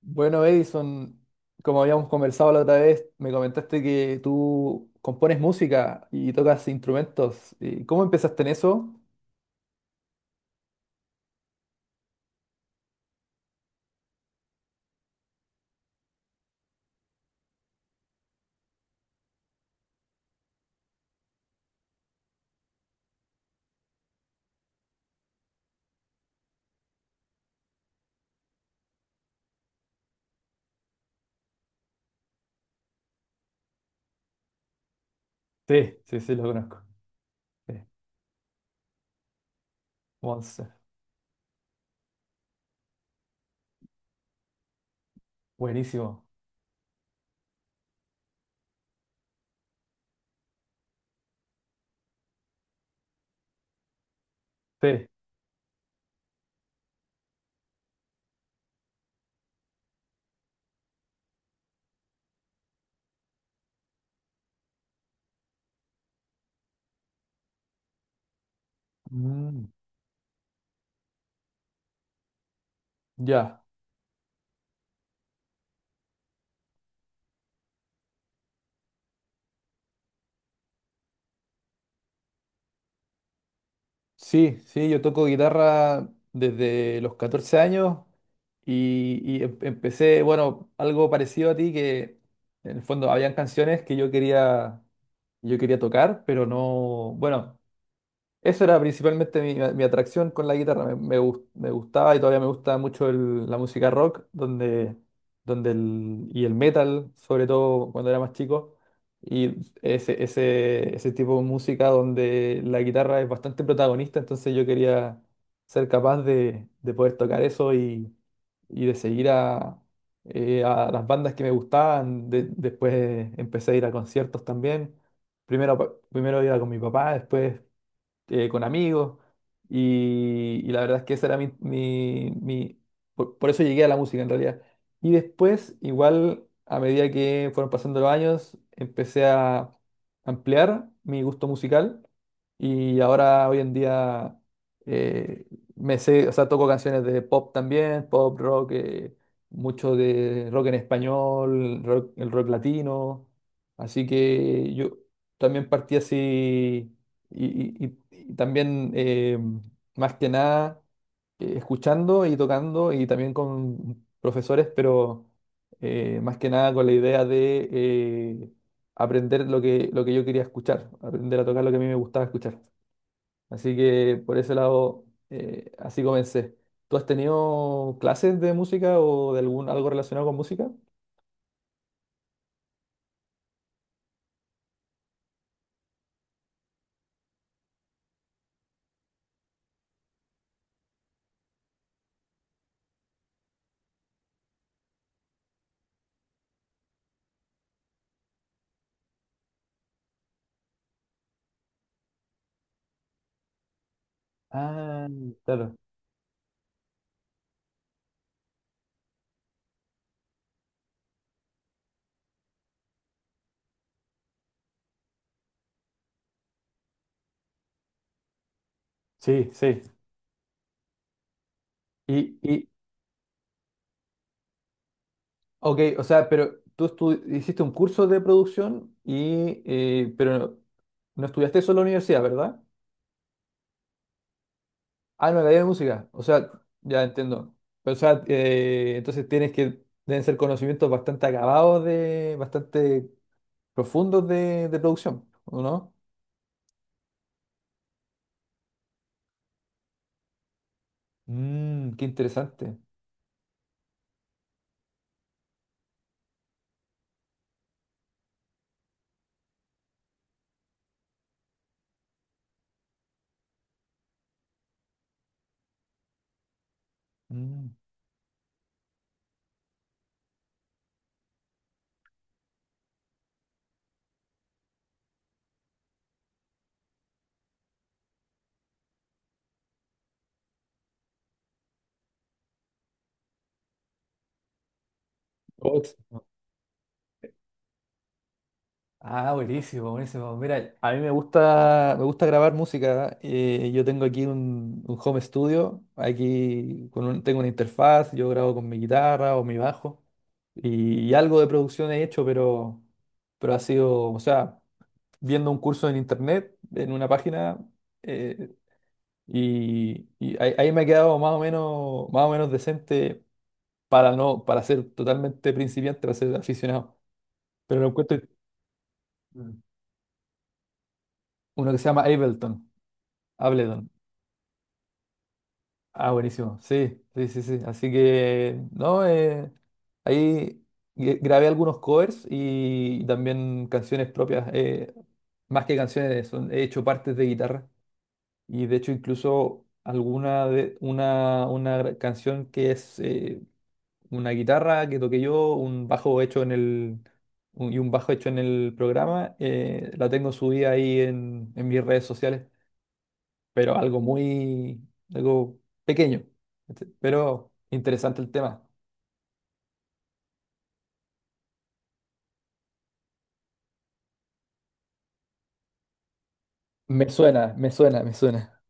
Bueno, Edison, como habíamos conversado la otra vez, me comentaste que tú compones música y tocas instrumentos. ¿Y cómo empezaste en eso? Sí, sí, sí, lo conozco. Sí, Monster. Buenísimo. Sí. Mm, ya. Sí, sí, yo toco guitarra desde los 14 años y, empecé, bueno, algo parecido a ti, que en el fondo habían canciones que yo quería tocar, pero no, bueno. Eso era principalmente mi atracción con la guitarra. Me gustaba y todavía me gusta mucho la música rock donde, el metal, sobre todo cuando era más chico. Y ese tipo de música donde la guitarra es bastante protagonista, entonces yo quería ser capaz de poder tocar eso y de seguir a las bandas que me gustaban. Después empecé a ir a conciertos también. Primero, primero iba con mi papá, después con amigos. Y la verdad es que esa era por eso llegué a la música en realidad. Y después, igual, a medida que fueron pasando los años, empecé a ampliar mi gusto musical y ahora hoy en día eh, o sea, toco canciones de pop también, pop, rock, mucho de rock en español, el rock latino. Así que yo también partí así y, y también, más que nada, escuchando y tocando y también con profesores, pero más que nada con la idea de aprender lo que yo quería escuchar, aprender a tocar lo que a mí me gustaba escuchar. Así que por ese lado, así comencé. ¿Tú has tenido clases de música o de algún algo relacionado con música? Ah, claro. Sí, sí. ¿Y, y, Ok, o sea, pero tú hiciste un curso de producción y pero no estudiaste solo en la universidad, ¿verdad? Ah, no, en la de música. O sea, ya entiendo. Pero, o sea, entonces tienes que deben ser conocimientos bastante acabados de, bastante profundos de producción, ¿o no? Mm, qué interesante. Mm. Ah, buenísimo, buenísimo. Mira, a mí me gusta grabar música. Yo tengo aquí un home studio, aquí con tengo una interfaz, yo grabo con mi guitarra o mi bajo y algo de producción he hecho, pero ha sido, o sea, viendo un curso en internet, en una página, eh, y ahí, ahí me ha quedado más o menos decente para no, para ser totalmente principiante, para ser aficionado. Pero lo encuentro Mm, uno que se llama Ableton. Ableton. Ah, buenísimo. Sí, sí, sí, sí. Así que, no, ahí grabé algunos covers y también canciones propias. Más que canciones, son, he hecho partes de guitarra. Y de hecho, incluso alguna de, una, canción que es una guitarra que toqué yo, un bajo hecho en el, y un bajo hecho en el programa, la tengo subida ahí en mis redes sociales. Pero algo muy, algo pequeño, este, pero interesante el tema. Me suena, me suena, me suena.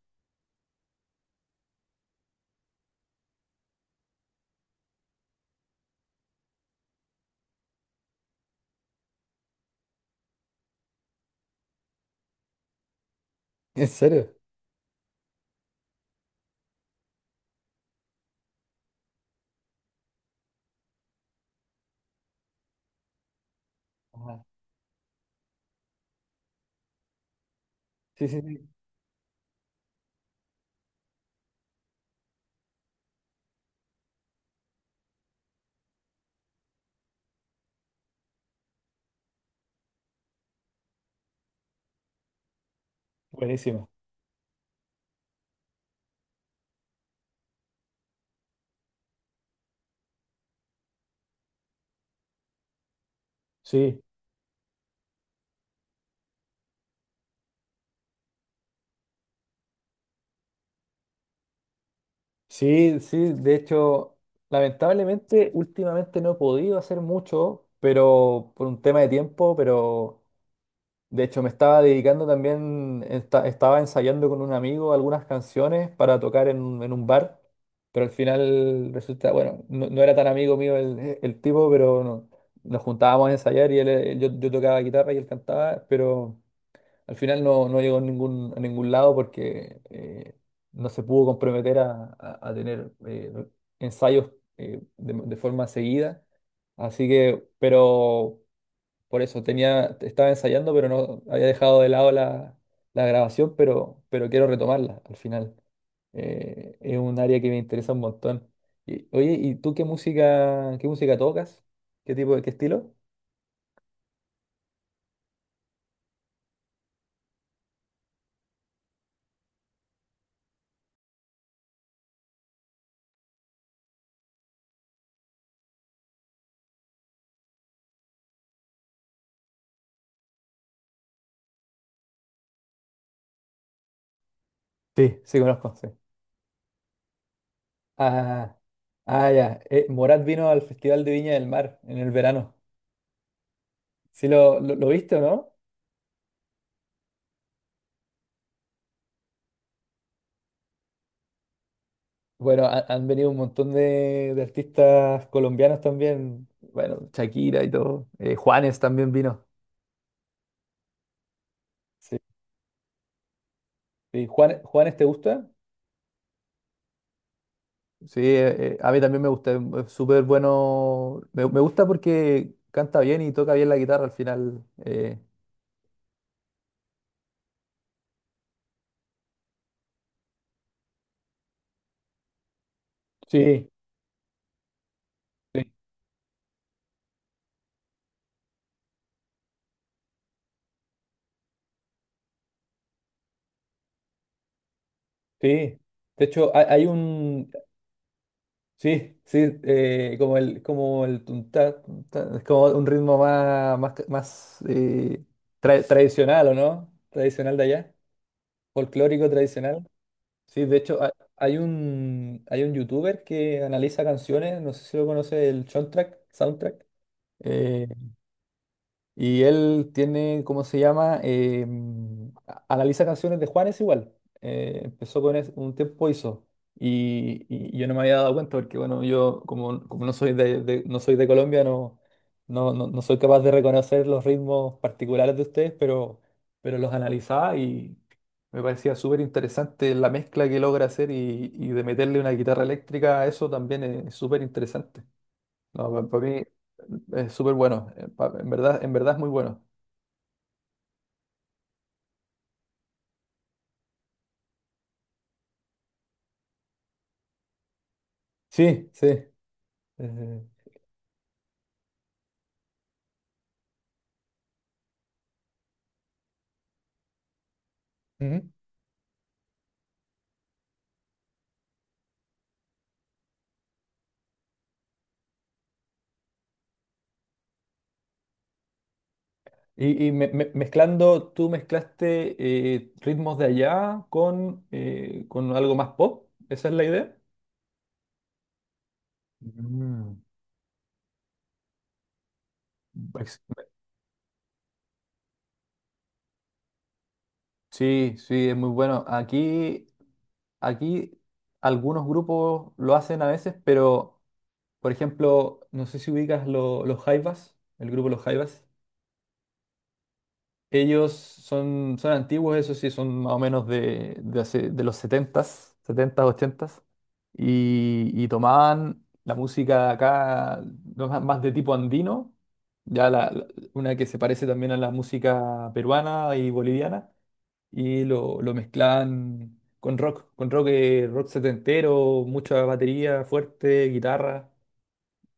¿En serio? Ajá. Sí, sí, sí. Buenísimo. Sí, sí, sí. De hecho, lamentablemente, últimamente no he podido hacer mucho, pero por un tema de tiempo, pero de hecho, me estaba dedicando también, estaba ensayando con un amigo algunas canciones para tocar en un bar, pero al final resulta, bueno, no, no era tan amigo mío el tipo, pero nos juntábamos a ensayar y él, yo, yo tocaba guitarra y él cantaba, pero al final no, no llegó a ningún lado porque no se pudo comprometer a, a tener ensayos de forma seguida. Así que, pero por eso tenía, estaba ensayando, pero no había dejado de lado la, la grabación, pero quiero retomarla al final. Es un área que me interesa un montón. Y, oye, ¿y tú qué música tocas? ¿Qué tipo de, qué estilo? Sí, sí conozco, sí. Ah, ah, ya. Morat vino al Festival de Viña del Mar en el verano. ¿Sí lo viste o no? Bueno, han venido un montón de artistas colombianos también. Bueno, Shakira y todo. Juanes también vino. Sí, Juan, ¿Juanes te gusta? Sí, a mí también me gusta, es súper bueno. Me gusta porque canta bien y toca bien la guitarra al final. Eh, sí, sí, sí. De hecho, hay un. Sí, sí, como el tuntá, tuntá, es como un ritmo más, más, más tradicional, ¿o no? Tradicional de allá, folclórico tradicional. Sí, de hecho, hay un youtuber que analiza canciones, no sé si lo conoce, el soundtrack, soundtrack. Eh, y él tiene, ¿cómo se llama? Analiza canciones de Juanes igual. Empezó con un tiempo hizo. Y yo no me había dado cuenta porque, bueno, yo como, como no soy de, no soy de Colombia, no, no, no, no soy capaz de reconocer los ritmos particulares de ustedes, pero los analizaba y me parecía súper interesante la mezcla que logra hacer y de meterle una guitarra eléctrica a eso también es súper interesante. No, para mí es súper bueno. En verdad es muy bueno. Sí, sí. Eh, ujú. Y y mezclando, tú mezclaste ritmos de allá con algo más pop. ¿Esa es la idea? Mm. Ex- Sí, sí, es muy bueno. Aquí, aquí algunos grupos lo hacen a veces, pero por ejemplo, no sé si ubicas los Jaivas, el grupo Los Jaivas. Ellos son, son antiguos, eso sí, son más o menos de, de los setentas setentas ochentas y tomaban la música acá no, más más de tipo andino, ya la, una que se parece también a la música peruana y boliviana, y lo mezclaban con rock, rock setentero, mucha batería fuerte, guitarra,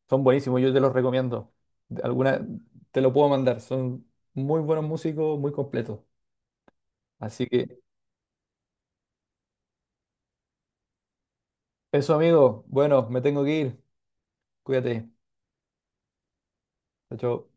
son buenísimos, yo te los recomiendo. Alguna, te lo puedo mandar, son muy buenos músicos, muy completos. Así que eso, amigo. Bueno, me tengo que ir. Cuídate. Chao, chao.